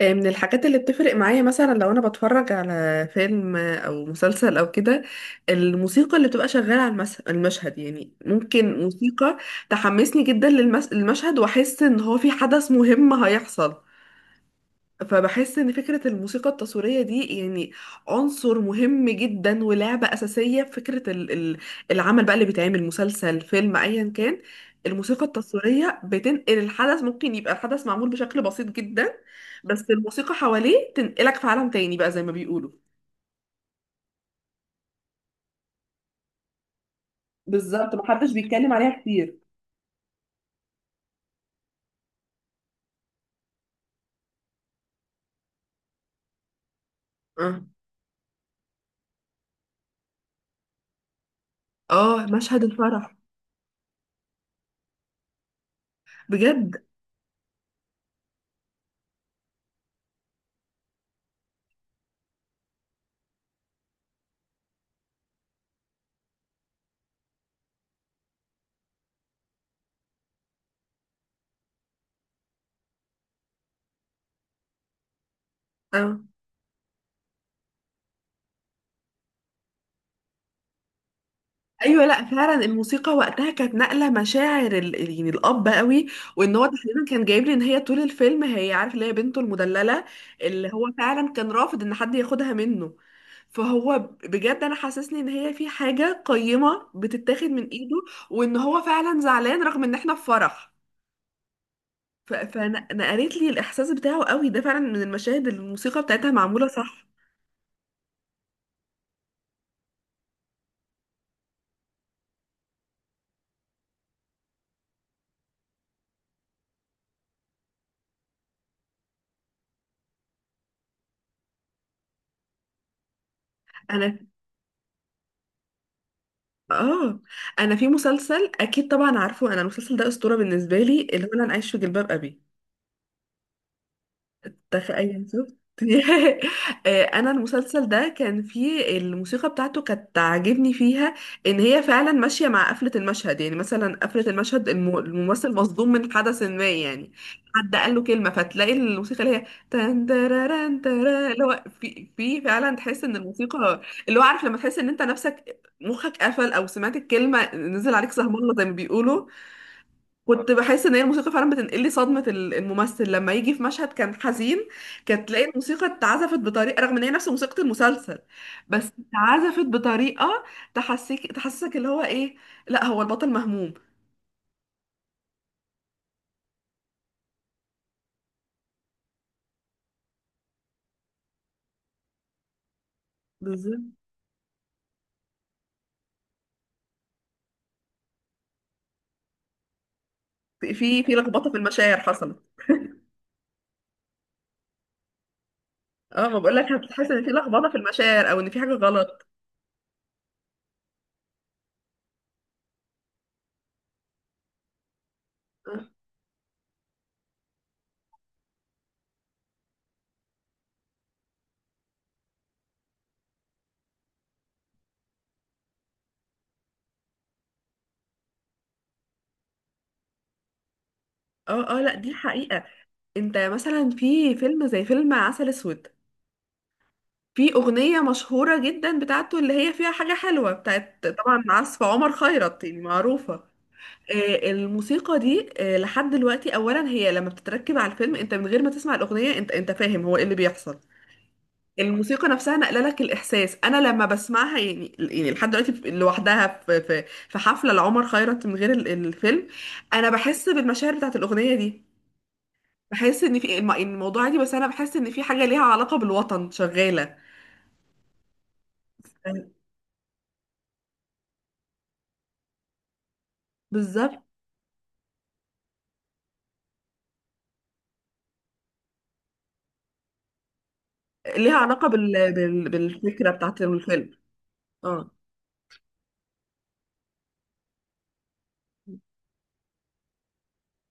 من الحاجات اللي بتفرق معايا مثلا لو انا بتفرج على فيلم او مسلسل او كده، الموسيقى اللي بتبقى شغاله على المشهد. يعني ممكن موسيقى تحمسني جدا للمشهد، واحس ان هو في حدث مهم هيحصل. فبحس ان فكرة الموسيقى التصويرية دي يعني عنصر مهم جدا ولعبة اساسية في فكرة العمل بقى اللي بيتعمل، مسلسل فيلم ايا كان. الموسيقى التصويرية بتنقل الحدث. ممكن يبقى الحدث معمول بشكل بسيط جدا، بس الموسيقى حواليه تنقلك في عالم تاني بقى زي ما بيقولوا. بالظبط، محدش بيتكلم عليها كتير. اه، اه، مشهد الفرح. بجد. آه. ايوه، لا فعلا الموسيقى وقتها كانت نقله مشاعر يعني الاب قوي. وان هو تقريبا كان جايب لي ان هي طول الفيلم، هي عارف اللي هي بنته المدلله، اللي هو فعلا كان رافض ان حد ياخدها منه. فهو بجد انا حاسسني ان هي في حاجه قيمه بتتاخد من ايده، وان هو فعلا زعلان رغم ان احنا في فرح. فانا قريت لي الاحساس بتاعه قوي ده فعلا، من المشاهد اللي الموسيقى بتاعتها معموله صح. انا اه انا في مسلسل اكيد طبعا، عارفه انا المسلسل ده اسطوره بالنسبه لي، اللي هو انا عايش في جلباب ابي. تخيل شفت انا المسلسل ده كان فيه الموسيقى بتاعته كانت عاجبني فيها، ان هي فعلا ماشيه مع قفله المشهد. يعني مثلا قفله المشهد، الممثل مصدوم من حدث ما يعني، حد قال له كلمه فتلاقي الموسيقى اللي هي تان تاراران تارا، اللي هو في فعلا تحس ان الموسيقى، اللي هو عارف لما تحس ان انت نفسك مخك قفل او سمعت الكلمه نزل عليك سهم الله زي ما بيقولوا. كنت بحس ان هي الموسيقى فعلا بتنقل لي صدمه الممثل لما يجي في مشهد كان حزين، كانت تلاقي الموسيقى اتعزفت بطريقه، رغم ان هي نفس موسيقى المسلسل، بس اتعزفت بطريقه تحسسك اللي هو ايه، لا هو البطل مهموم. بالظبط. في لخبطه في المشاعر حصلت. اه، ما بقول لك هتحس ان في لخبطه في المشاعر او ان في حاجه غلط. اه، اه، لا دي حقيقه. انت مثلا في فيلم زي فيلم عسل اسود، في أغنية مشهورة جدا بتاعته، اللي هي فيها حاجة حلوة بتاعت طبعا عزف عمر خيرت، يعني معروفة. الموسيقى دي لحد دلوقتي أولا هي لما بتتركب على الفيلم، أنت من غير ما تسمع الأغنية أنت فاهم هو إيه اللي بيحصل. الموسيقى نفسها نقل لك الإحساس. أنا لما بسمعها، يعني لحد دلوقتي لوحدها، في حفلة لعمر خيرت من غير الفيلم، أنا بحس بالمشاعر بتاعت الأغنية دي. بحس إن في الموضوع دي، بس أنا بحس إن في حاجة ليها علاقة بالوطن شغالة. بالظبط. ليها علاقة بالفكرة بتاعت الفيلم. اه،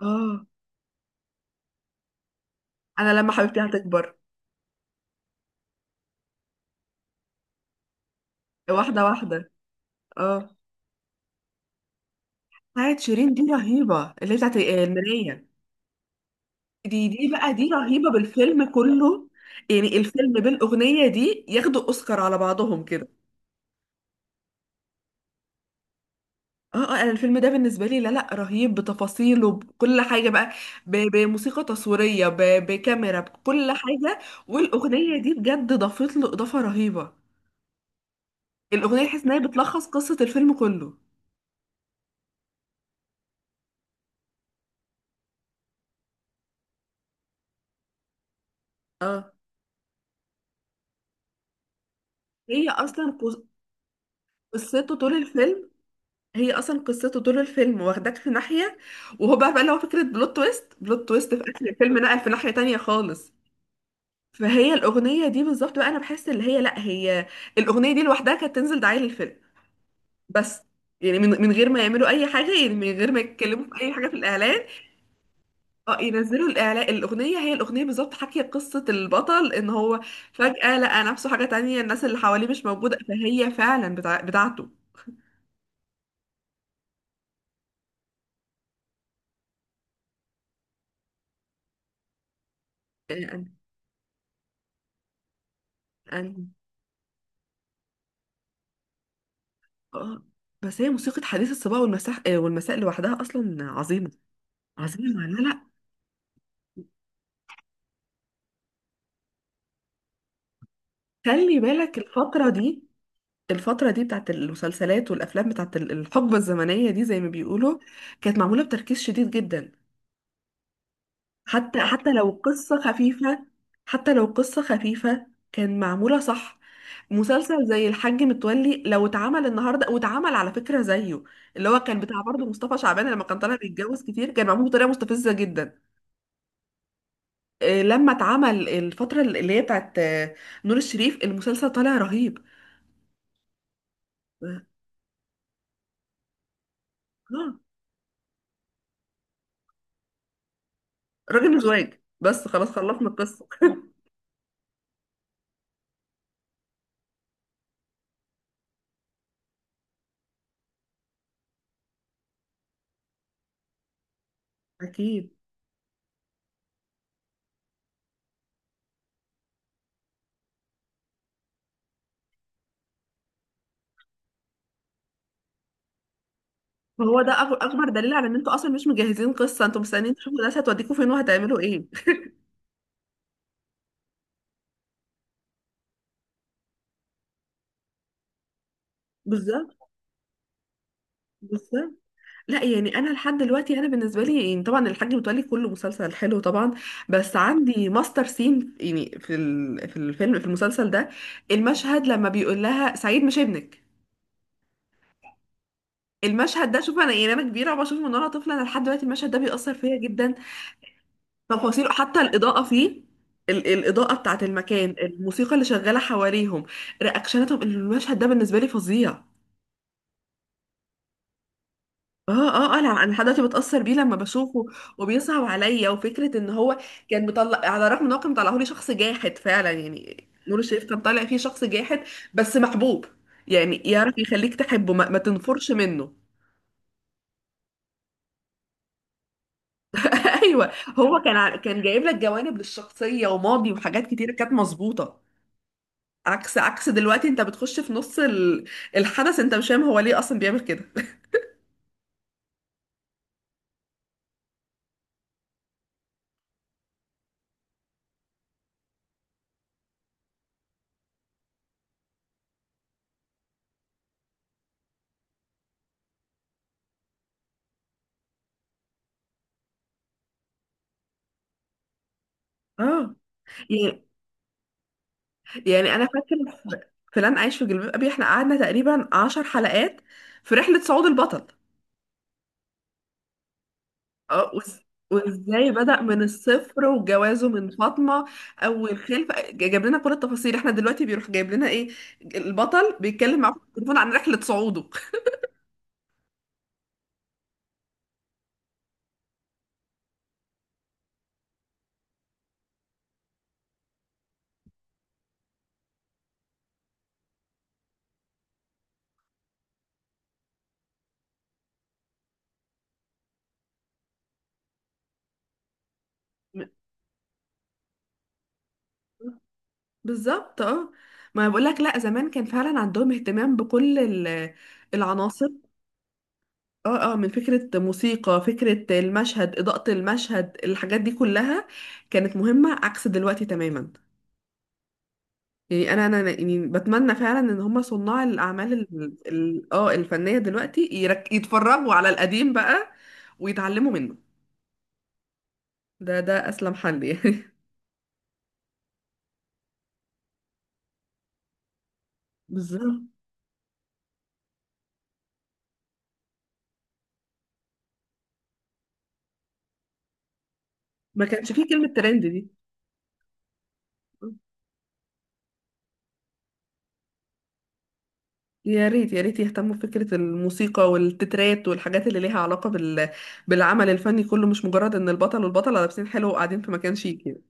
اه، انا لما حبيبتي هتكبر. واحدة واحدة. اه، بتاعت شيرين دي رهيبة، اللي بتاعت المراية. دي بقى دي رهيبة بالفيلم كله. يعني الفيلم بالأغنية دي ياخدوا أوسكار على بعضهم كده. اه، اه، انا الفيلم ده بالنسبة لي، لا لا، رهيب بتفاصيله بكل حاجة بقى، بموسيقى تصويرية، بكاميرا، بكل حاجة. والأغنية دي بجد ضافت له إضافة رهيبة. الاغنيه تحس ان هي بتلخص قصه الفيلم كله. اه، هي اصلا قصته طول الفيلم. واخداك في ناحيه. وهو بقى اللي هو فكره بلوت تويست في اخر الفيلم، نقل في ناحيه تانية خالص. فهي الاغنيه دي بالظبط بقى، انا بحس اللي هي لا، هي الاغنيه دي لوحدها كانت تنزل دعايه للفيلم بس. يعني من غير ما يعملوا اي حاجه، يعني من غير ما يتكلموا في اي حاجه في الاعلان. اه، ينزلوا الاعلان الاغنيه، هي الاغنيه بالظبط حكي قصه البطل ان هو فجاه لقى نفسه حاجه تانية، الناس اللي حواليه مش موجوده. فهي فعلا بتاعته. آه، أن... أن... اه بس هي موسيقى حديث الصباح والمساء والمساء لوحدها اصلا عظيمه. عظيمه، لا لا. خلي بالك الفتره دي الفترة دي بتاعت المسلسلات والأفلام بتاعت الحقبة الزمنية دي زي ما بيقولوا، كانت معمولة بتركيز شديد جدا. حتى حتى لو قصة خفيفة حتى لو قصة خفيفة كان معمولة صح. مسلسل زي الحاج متولي لو اتعمل النهارده، واتعمل على فكرة زيه، اللي هو كان بتاع برضه مصطفى شعبان لما كان طالع بيتجوز كتير، كان معمول بطريقة مستفزة جدا. لما اتعمل الفترة اللي هي بتاعت نور الشريف، المسلسل طالع رهيب. آه، آه، راجل مزواج بس، خلاص خلصنا القصة أكيد. هو ده أكبر أكبر دليل على إن أنتوا أصلا مش مجهزين قصة، أنتوا مستنيين تشوفوا الناس هتوديكوا فين وهتعملوا إيه. بالظبط. بس لا يعني انا لحد دلوقتي، انا بالنسبه لي يعني طبعا الحاج متولي كله مسلسل حلو طبعا، بس عندي ماستر سين يعني في في الفيلم في المسلسل ده، المشهد لما بيقول لها سعيد مش ابنك. المشهد ده، شوف انا يعني انا كبيره وبشوفه من وانا طفله، انا لحد دلوقتي المشهد ده بيأثر فيا جدا. تفاصيله حتى الاضاءه فيه، الاضاءه بتاعت المكان، الموسيقى اللي شغاله حواليهم، رياكشناتهم، المشهد ده بالنسبه لي فظيع. اه، اه، اه، انا لحد دلوقتي بتأثر بيه لما بشوفه، وبيصعب عليا، وفكرة ان هو كان مطلع، على الرغم ان هو كان مطلعه لي شخص جاحد فعلا، يعني نور الشريف كان طالع فيه شخص جاحد بس محبوب، يعني يعرف يخليك تحبه ما تنفرش منه. ايوه. هو كان كان جايب لك جوانب للشخصية وماضي وحاجات كتيرة كانت مظبوطة. عكس دلوقتي، انت بتخش في نص الحدث، انت مش فاهم هو ليه اصلا بيعمل كده. اه. يعني يعني انا فاكر فلان عايش في جلباب ابي، احنا قعدنا تقريبا 10 حلقات في رحلة صعود البطل. اه، وازاي بدأ من الصفر وجوازه من فاطمة، اول خلفة، جاب لنا كل التفاصيل. احنا دلوقتي بيروح جايب لنا ايه، البطل بيتكلم معاه في التليفون عن رحلة صعوده. م- بالظبط. اه، ما بقول لك، لا زمان كان فعلا عندهم اهتمام بكل العناصر. اه، اه، من فكرة موسيقى، فكرة المشهد، إضاءة المشهد، الحاجات دي كلها كانت مهمة عكس دلوقتي تماما. يعني انا يعني بتمنى فعلا ان هم صناع الاعمال الفنية دلوقتي يتفرجوا على القديم بقى ويتعلموا منه. ده اسلم حل يعني. بالظبط. ما كانش فيه كلمة ترند دي. يا ريت، يا ريت يهتموا بفكرة الموسيقى والتترات والحاجات اللي ليها علاقة بالعمل الفني كله، مش مجرد ان البطل والبطلة لابسين حلو وقاعدين في مكان شيك يعني.